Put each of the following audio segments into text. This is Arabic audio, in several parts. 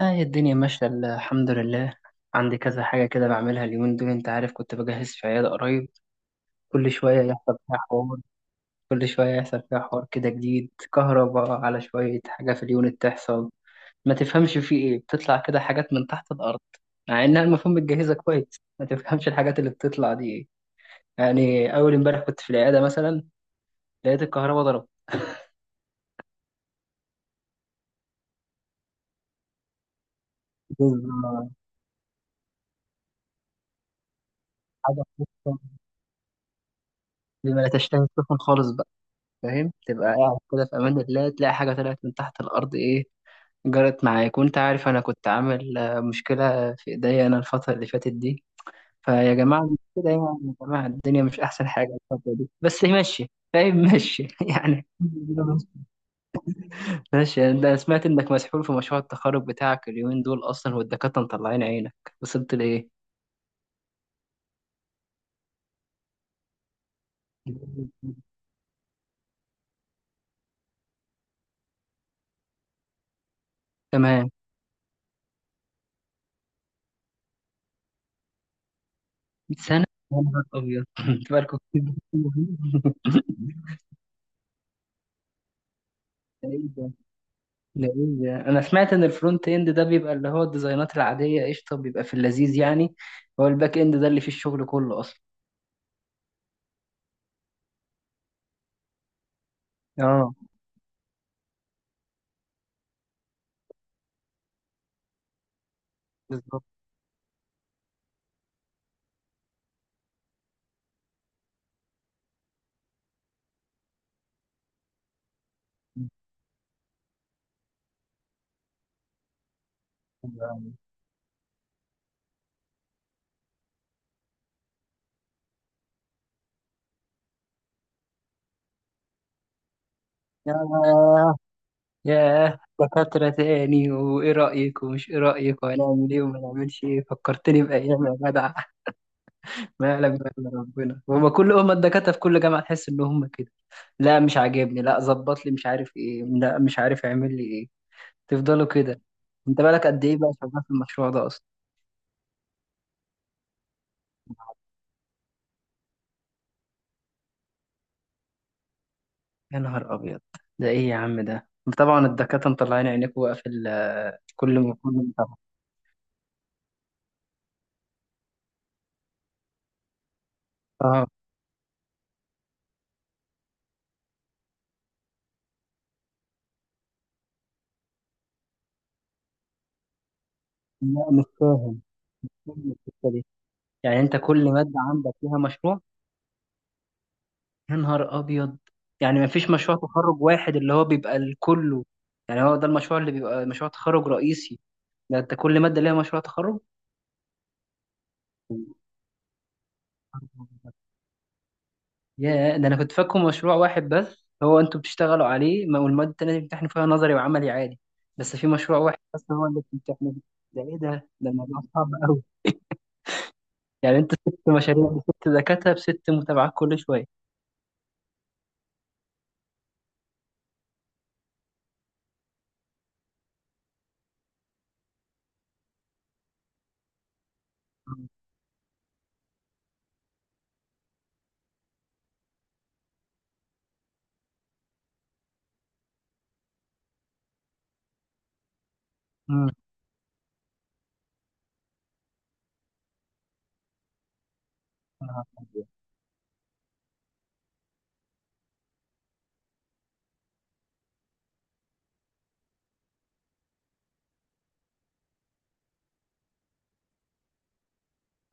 اه، هي الدنيا ماشية الحمد لله. عندي كذا حاجة كده بعملها اليومين دول. انت عارف كنت بجهز في عيادة قريب، كل شوية يحصل فيها حوار. كده جديد، كهرباء على شوية حاجة في اليونت تحصل. ما تفهمش في ايه بتطلع كده حاجات من تحت الأرض، مع انها المفروض متجهزة كويس. ما تفهمش الحاجات اللي بتطلع دي ايه. يعني أول امبارح كنت في العيادة مثلا، لقيت الكهرباء ضربت. جزء- حاجة بما لا تشتهي السفن خالص. فاهم، تبقى قاعد كده في امان الله تلاقي حاجه طلعت من تحت الارض، ايه جرت معاك. وانت عارف انا كنت عامل مشكله في ايديا انا الفتره اللي فاتت دي، فيا جماعه، مش كده يعني يا جماعه؟ الدنيا مش احسن حاجه الفتره دي، بس ماشي، فاهم، ماشي يعني. ماشي يعني. ده أنا سمعت انك مسحول في مشروع التخرج بتاعك اليومين دول اصلا، والدكاتره مطلعين عينك. وصلت لايه؟ تمام. سنه؟ يا نهار ابيض تبارك الله. لأن انا سمعت ان الفرونت اند ده بيبقى اللي هو الديزاينات العاديه، قشطه، بيبقى في اللذيذ يعني. هو الباك اند ده اللي فيه الشغل كله اصلا. اه. بالظبط. ياه. ياه، دكاترة تاني، وإيه رأيك ومش إيه رأيك، وهنعمل إيه وما نعملش إيه. فكرتني بأيام يا جدع. ما يعلم بها إلا ربنا. هما كل هما الدكاترة في كل جامعة، تحس إن هما كده: لا مش عاجبني، لا ظبط لي، مش عارف إيه، لا مش عارف اعمل لي إيه. تفضلوا كده. أنت بالك قد إيه بقى شغال في المشروع ده أصلا؟ يا نهار أبيض. ده إيه يا عم ده؟ طبعا الدكاترة مطلعين عينيك. وقف ال- كل ما اه. لا مش فاهم، فاهم القصة دي. يعني أنت كل مادة عندك فيها مشروع؟ يا نهار أبيض. يعني ما فيش مشروع تخرج واحد اللي هو بيبقى لكله؟ يعني هو ده المشروع اللي بيبقى مشروع تخرج رئيسي، ده أنت كل مادة ليها مشروع تخرج. يا ده انا كنت فاكره مشروع واحد بس هو انتوا بتشتغلوا عليه، والمواد التانية بتمتحنوا فيها نظري وعملي عادي، بس في مشروع واحد بس هو اللي بتمتحنوا فيه. ده ايه ده، ده الموضوع صعب قوي. يعني انت ست مشاريع بست دكاترة بست متابعات كل شوية. امم.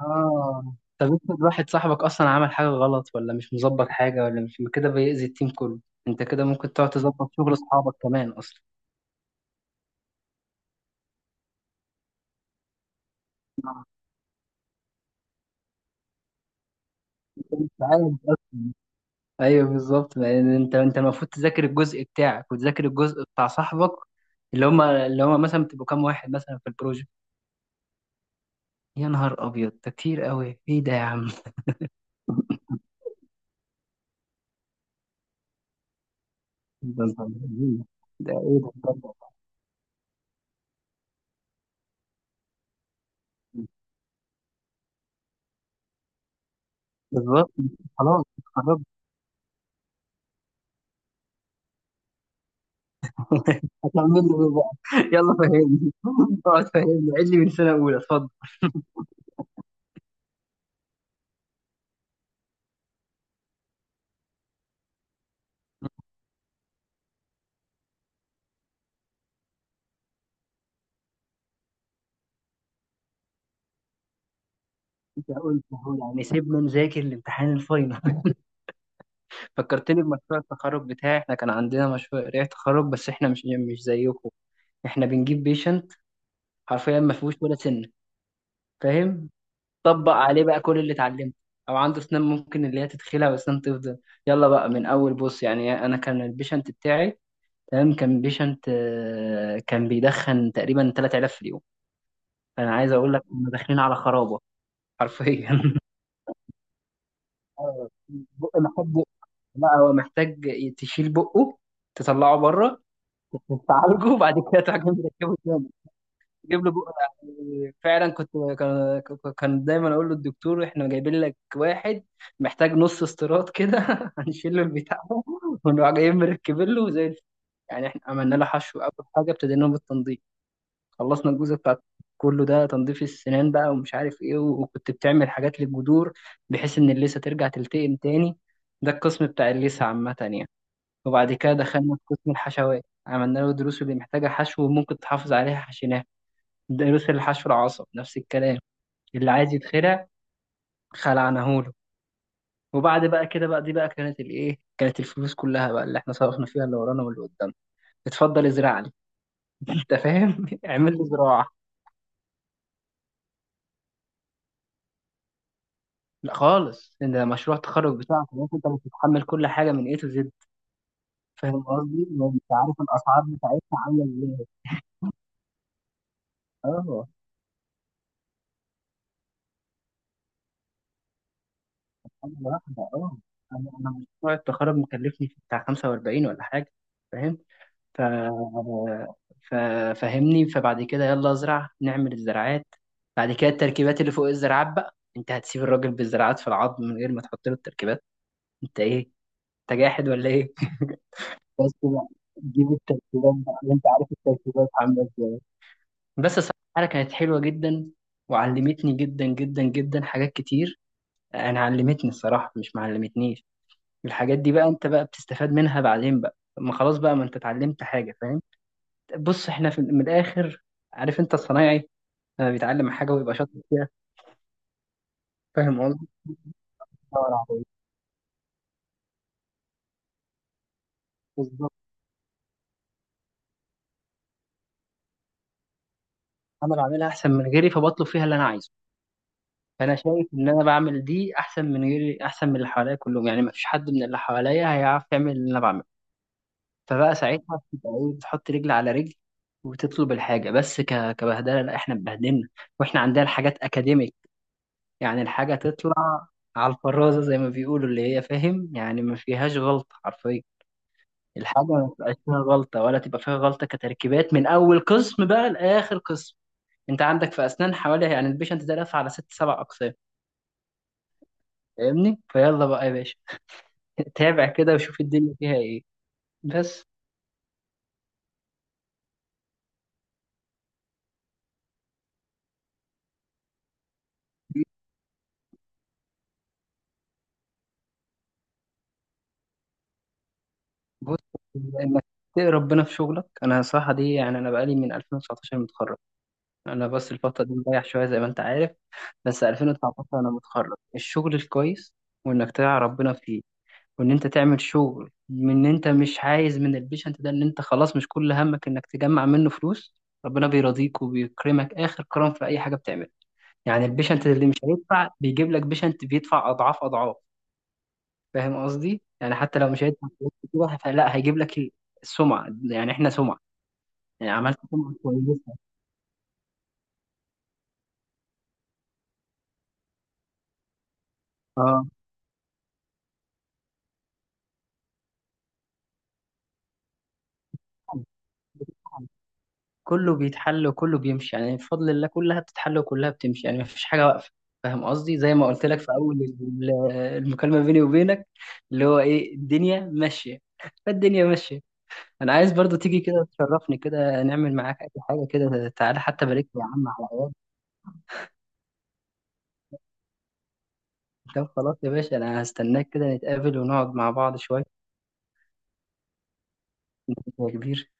اه، طب افرض واحد صاحبك اصلا عمل حاجة غلط ولا مش مظبط حاجة ولا مش كده، بيأذي التيم كله. انت كده ممكن تقعد تظبط شغل اصحابك كمان اصلا. مش عارف أصلاً. ايوه بالظبط، لان انت المفروض تذاكر الجزء بتاعك وتذاكر الجزء بتاع صاحبك. اللي هما مثلا بتبقوا كام واحد مثلا في البروجكت؟ يا نهار ابيض، ده كتير قوي، ايه ده يا عم؟ ده انت. ده ايه ده بجد؟ بالظبط. خلاص اتخرجنا. هتعمل لي ايه بقى؟ يلا فهمني، اقعد فهمني، عيد لي من سنه اولى، اتفضل. انت قلت أهو يعني، سيبنا نذاكر لامتحان الفاينل. فكرتني بمشروع التخرج بتاعي. احنا كان عندنا مشروع قرايه تخرج، بس احنا مش زيكم. احنا بنجيب بيشنت، حرفيا ما فيهوش ولا سن، فاهم؟ طبق عليه بقى كل اللي اتعلمته، او عنده اسنان ممكن اللي هي تتخلع واسنان تفضل. يلا بقى من اول، بص يعني انا كان البيشنت بتاعي تمام، كان بيشنت كان بيدخن تقريبا 3000 في اليوم. انا عايز اقول لك كنا داخلين على خرابه حرفيا. آه، بق محتاج. لا هو محتاج تشيل بقه، تطلعه بره، تعالجه وبعد كده تحكم تركبه. جيب له بق. يعني فعلا كنت كان كان دايما اقول له الدكتور احنا جايبين لك واحد محتاج نص استيراد كده، هنشيل له البتاع ده ونروح جايين مركبين له زي الفل. يعني احنا عملنا له حشو. اول حاجه ابتدينا بالتنظيف، خلصنا الجزء بتاع كله ده تنظيف السنان بقى ومش عارف ايه، وكنت بتعمل حاجات للجذور بحيث ان اللثه ترجع تلتئم تاني. ده القسم بتاع اللثه عامه يعني. وبعد كده دخلنا في قسم الحشوات، عملنا له دروس اللي محتاجه حشو وممكن تحافظ عليها حشيناها. ضرس الحشو العصب نفس الكلام. اللي عايز يتخلع خلعناه له. وبعد بقى كده بقى، دي بقى كانت الايه، كانت الفلوس كلها بقى اللي احنا صرفنا فيها اللي ورانا واللي قدامنا. اتفضل ازرع لي، انت فاهم؟ اعمل لي زراعه. لا خالص، ان ده مشروع التخرج بتاعك، انت اللي بتتحمل كل حاجه من ايه، تو زد. فاهم قصدي؟ لو مش عارف الاسعار بتاعتها عامله ازاي. اه، حاجه واحده اه. انا مشروع التخرج مكلفني في بتاع 45 ولا حاجه، فاهم؟ ف... ف... فاهمني؟ فبعد كده يلا ازرع، نعمل الزراعات. بعد كده التركيبات اللي فوق الزراعات بقى، انت هتسيب الراجل بالزراعات في العظم من غير ما تحط له التركيبات؟ انت ايه، انت جاحد ولا ايه؟ بس بقى جيب التركيبات بقى، انت عارف التركيبات عامله ازاي. بس الصراحه الحاله كانت حلوه جدا، وعلمتني جدا جدا جدا حاجات كتير. انا علمتني الصراحه، مش معلمتنيش. الحاجات دي بقى انت بقى بتستفاد منها بعدين بقى، ما خلاص بقى، ما انت اتعلمت حاجه، فاهم؟ بص احنا في من الاخر، عارف انت الصنايعي لما بيتعلم حاجه ويبقى شاطر فيها؟ فاهم قصدي؟ بدور على- بالظبط، انا بعملها احسن من غيري فبطلب فيها اللي انا عايزه. فانا شايف ان انا بعمل دي احسن من غيري، احسن من اللي حواليا كلهم، يعني ما فيش حد من اللي حواليا هيعرف يعمل اللي انا بعمله. فبقى ساعتها بتبقى ايه، بتحط رجل على رجل وتطلب الحاجه. كبهدله؟ لا، احنا اتبهدلنا، واحنا عندنا الحاجات اكاديميك. يعني الحاجه تطلع على الفرازه زي ما بيقولوا، اللي هي فاهم يعني، ما فيهاش غلط حرفيا. الحاجة ما تبقاش فيها غلطة، ولا تبقى فيها غلطة، كتركيبات من أول قسم بقى لآخر قسم. أنت عندك في أسنان حوالي، يعني البيشنت ده لف على ست سبع أقسام. فاهمني؟ فيلا بقى يا باشا، تابع كده وشوف الدنيا فيها إيه. بس بص، إنك تقي ربنا في شغلك، أنا صراحة دي يعني، أنا بقالي من 2019 متخرج. أنا بس الفترة دي مريح شوية زي ما أنت عارف. بس 2019 أنا متخرج. الشغل الكويس وإنك تقي ربنا فيه، وان انت تعمل شغل من ان انت مش عايز من البيشنت ده، ان انت خلاص مش كل همك انك تجمع منه فلوس، ربنا بيرضيك وبيكرمك اخر كرم في اي حاجه بتعملها. يعني البيشنت اللي مش هيدفع بيجيب لك بيشنت بيدفع اضعاف اضعاف. فاهم قصدي؟ يعني حتى لو مش هيدفع فلوس كتير، فلا هيجيب لك السمعه. يعني احنا سمعه، يعني عملت سمعه كويسه. اه، كله بيتحل وكله بيمشي، يعني بفضل الله كلها بتتحل وكلها بتمشي، يعني مفيش حاجة واقفة. فاهم قصدي؟ زي ما قلت لك في أول المكالمة بيني وبينك، اللي هو إيه، الدنيا ماشية، فالدنيا ماشية. أنا عايز برضو تيجي كده تشرفني، كده نعمل معاك أي حاجة، كده تعالى حتى بارك لي يا عم على العيال. طب خلاص يا باشا، أنا هستناك كده، نتقابل ونقعد مع بعض شوية. يا كبير.